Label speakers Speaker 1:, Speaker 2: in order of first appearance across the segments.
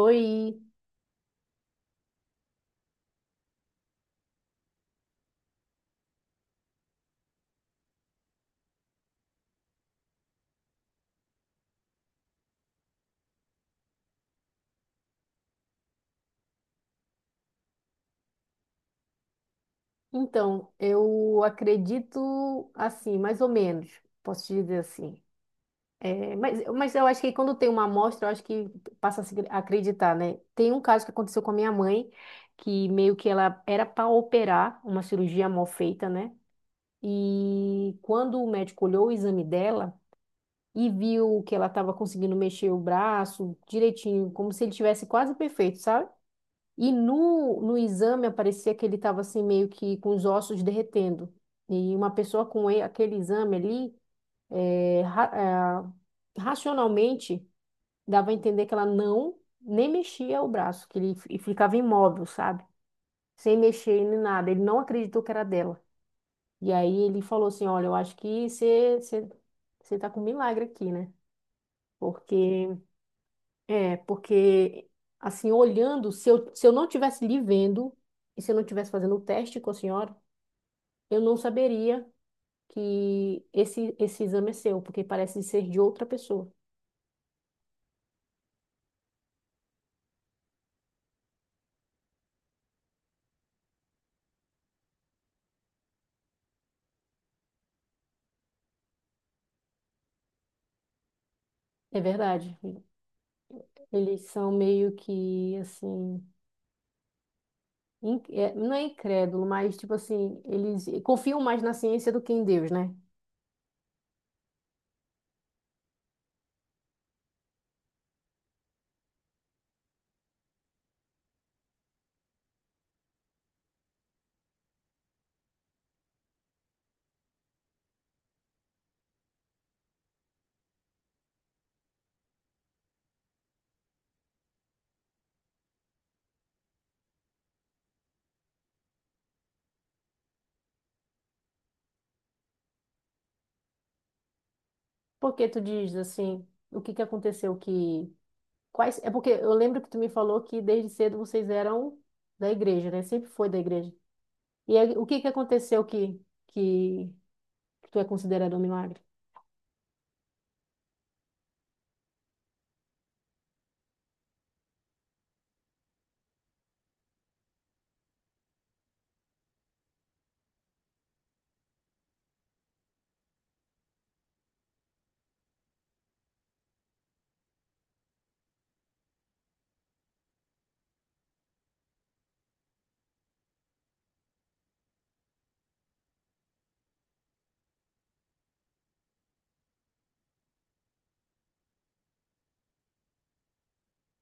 Speaker 1: Oi, então, eu acredito assim, mais ou menos, posso te dizer assim. É, mas eu acho que quando tem uma amostra, eu acho que passa a se acreditar, né? Tem um caso que aconteceu com a minha mãe, que meio que ela era para operar uma cirurgia mal feita, né? E quando o médico olhou o exame dela e viu que ela estava conseguindo mexer o braço direitinho, como se ele tivesse quase perfeito, sabe? E no exame aparecia que ele estava assim meio que com os ossos derretendo. E uma pessoa com aquele exame ali, é, ra- racionalmente, dava a entender que ela não nem mexia o braço, que ele ficava imóvel, sabe? Sem mexer nem nada. Ele não acreditou que era dela. E aí ele falou assim: Olha, eu acho que você está com um milagre aqui, né? Porque, é, porque, assim, olhando, se eu não tivesse lhe vendo. E se eu não tivesse fazendo o teste com a senhora, eu não saberia que esse exame é seu, porque parece ser de outra pessoa. É verdade. Eles são meio que assim, não é incrédulo, mas tipo assim, eles confiam mais na ciência do que em Deus, né? Porque tu diz assim, o que que aconteceu que quais é porque eu lembro que tu me falou que desde cedo vocês eram da igreja, né? Sempre foi da igreja. E aí, o que que aconteceu que que, que tu é considerado um milagre?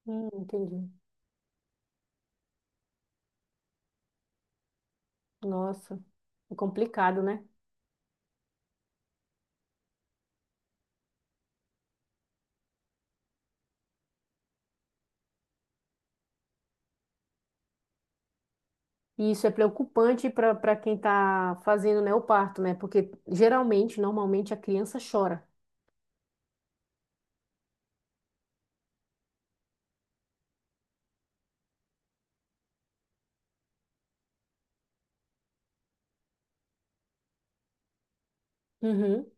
Speaker 1: Entendi. Nossa, é complicado, né? E isso é preocupante para quem está fazendo, né, o parto, né? Porque geralmente, normalmente, a criança chora. Uhum.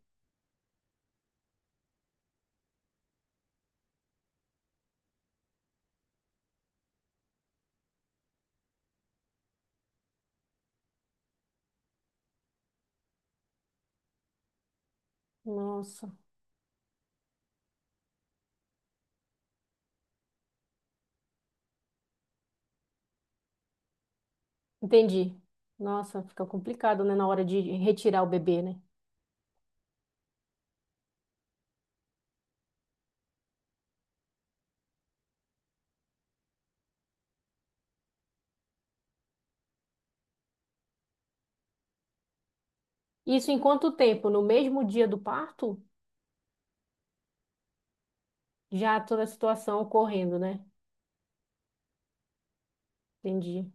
Speaker 1: Nossa, entendi. Nossa, fica complicado, né, na hora de retirar o bebê, né? Isso em quanto tempo? No mesmo dia do parto? Já toda a situação ocorrendo, né? Entendi.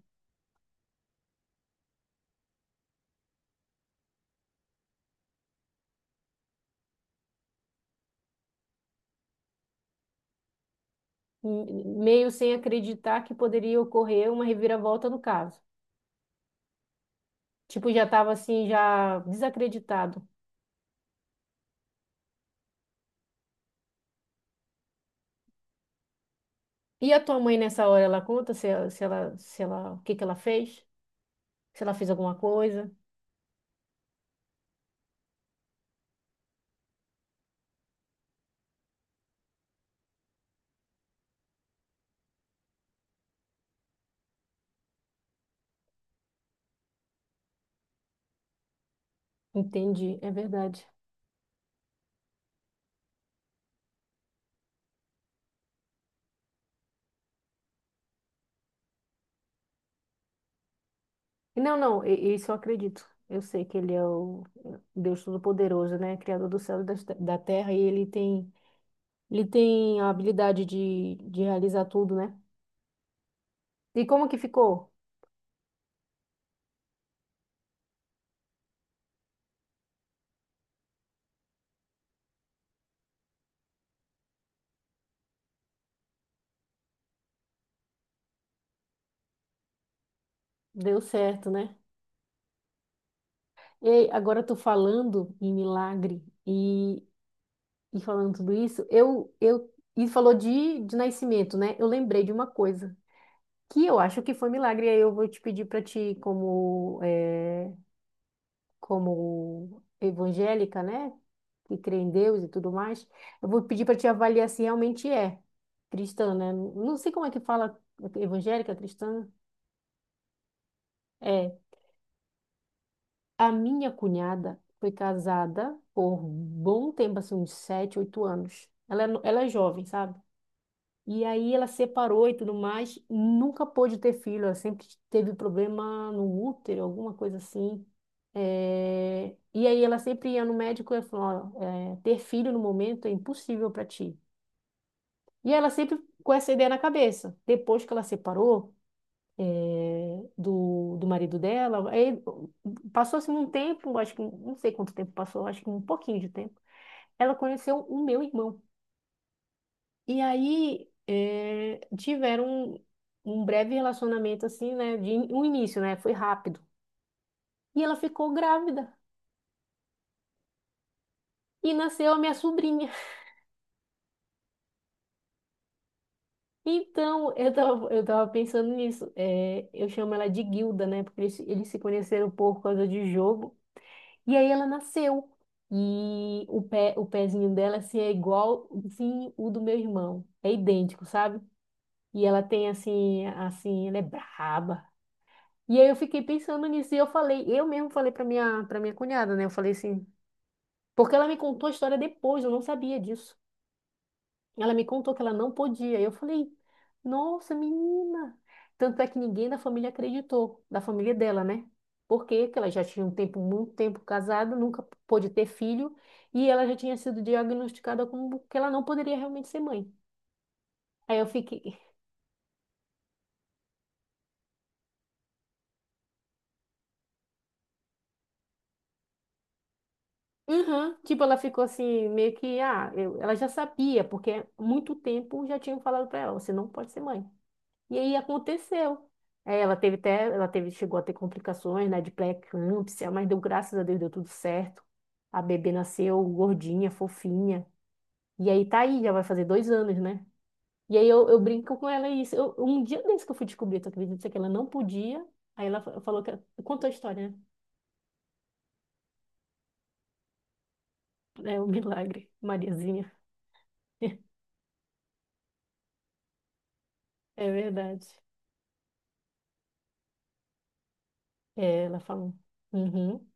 Speaker 1: M- meio sem acreditar que poderia ocorrer uma reviravolta no caso. Tipo, já estava assim, já desacreditado. E a tua mãe nessa hora, ela conta se, se ela, se ela, o que que ela fez? Se ela fez alguma coisa. Entendi, é verdade. E não, não, isso eu acredito. Eu sei que ele é o Deus Todo-Poderoso, né? Criador do céu e da terra, e ele tem, a habilidade de realizar tudo, né? E como que ficou? Deu certo, né? E agora eu tô falando em milagre e falando tudo isso, e falou de nascimento, né? Eu lembrei de uma coisa que eu acho que foi milagre, e aí eu vou te pedir para ti, como eh, como evangélica, né? Que crê em Deus e tudo mais, eu vou pedir para te avaliar se realmente é cristã, né? Não sei como é que fala evangélica, cristã. É, a minha cunhada foi casada por bom tempo, assim, uns 7, 8 anos. Ela é, ela é jovem, sabe? E aí ela separou e tudo mais, nunca pôde ter filho, ela sempre teve problema no útero, alguma coisa assim. E aí ela sempre ia no médico e falou, "Ó, é, ter filho no momento é impossível para ti. E ela sempre com essa ideia na cabeça. Depois que ela separou do marido dela, aí passou-se um tempo, acho que não sei quanto tempo passou, acho que um pouquinho de tempo. Ela conheceu o meu irmão. E aí eh, tiveram um breve relacionamento assim, né? De um início, né? Foi rápido. E ela ficou grávida. E nasceu a minha sobrinha. Então, eu tava pensando nisso. Eh, eu chamo ela de Guilda, né? Porque eles se conheceram por causa de jogo. E aí ela nasceu. E o pé, o pezinho dela, assim, é igual, assim, o do meu irmão. É idêntico, sabe? E ela tem, assim, assim, ela é braba. E aí eu fiquei pensando nisso e eu falei, eu mesmo falei para minha cunhada, né? Eu falei assim, porque ela me contou a história depois, eu não sabia disso. Ela me contou que ela não podia. E eu falei, nossa, menina. Tanto é que ninguém da família acreditou, da família dela, né? Porque que ela já tinha um tempo, muito tempo casada, nunca pôde ter filho, e ela já tinha sido diagnosticada como que ela não poderia realmente ser mãe. Aí eu fiquei, uhum. Tipo, ela ficou assim, meio que, ah, eu- ela já sabia, porque há muito tempo já tinham falado pra ela, você não pode ser mãe. E aí aconteceu. É, ela teve até, ela teve, chegou a ter complicações, né, de pré-eclâmpsia, mas deu graças a Deus, deu tudo certo. A bebê nasceu gordinha, fofinha. E aí tá aí, já vai fazer 2 anos, né? E aí eu brinco com ela isso. Eu- um dia desse que eu fui descobrir, tu acredita que ela não podia? Aí ela falou que, contou a história, né? É um milagre, Mariazinha. É verdade. É, ela falou. Uhum.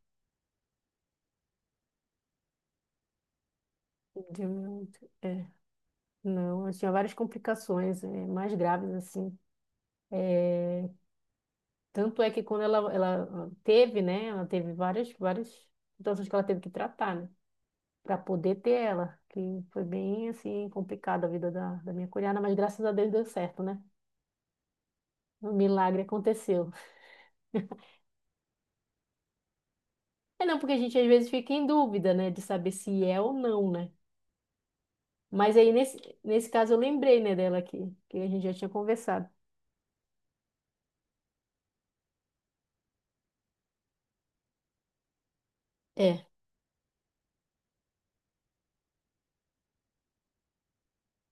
Speaker 1: Deu muito. É, não, ela tinha várias complicações, é, mais graves, assim. É, tanto é que quando ela teve, né? Ela teve várias, várias situações que ela teve que tratar, né? Para poder ter ela, que foi bem, assim, complicada a vida da minha cunhada, mas graças a Deus deu certo, né? O milagre aconteceu. É não, porque a gente às vezes fica em dúvida, né, de saber se é ou não, né? Mas aí nesse caso eu lembrei, né, dela aqui, que a gente já tinha conversado. É.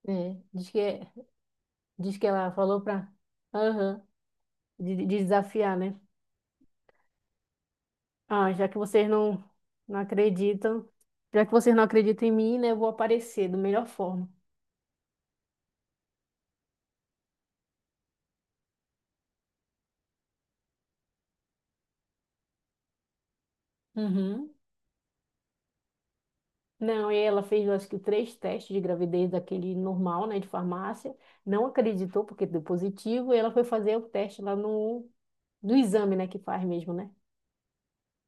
Speaker 1: É, diz que ela falou pra. Aham, de desafiar, né? Ah, já que vocês não, não acreditam, já que vocês não acreditam em mim, né, eu vou aparecer da melhor forma. Uhum. Não, e ela fez, eu acho que três testes de gravidez daquele normal, né, de farmácia. Não acreditou porque deu positivo e ela foi fazer o teste lá no exame, né, que faz mesmo, né?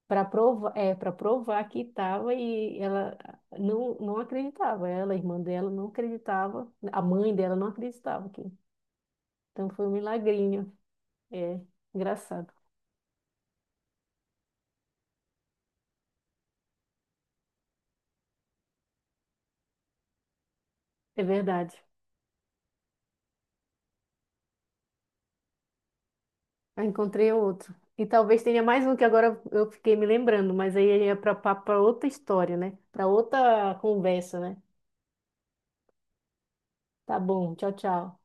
Speaker 1: Para provar que estava e ela não acreditava. Ela, a irmã dela, não acreditava, a mãe dela não acreditava que. Então foi um milagrinho. É engraçado. É verdade. Eu encontrei outro. E talvez tenha mais um que agora eu fiquei me lembrando, mas aí é para outra história, né? Para outra conversa, né? Tá bom, tchau, tchau.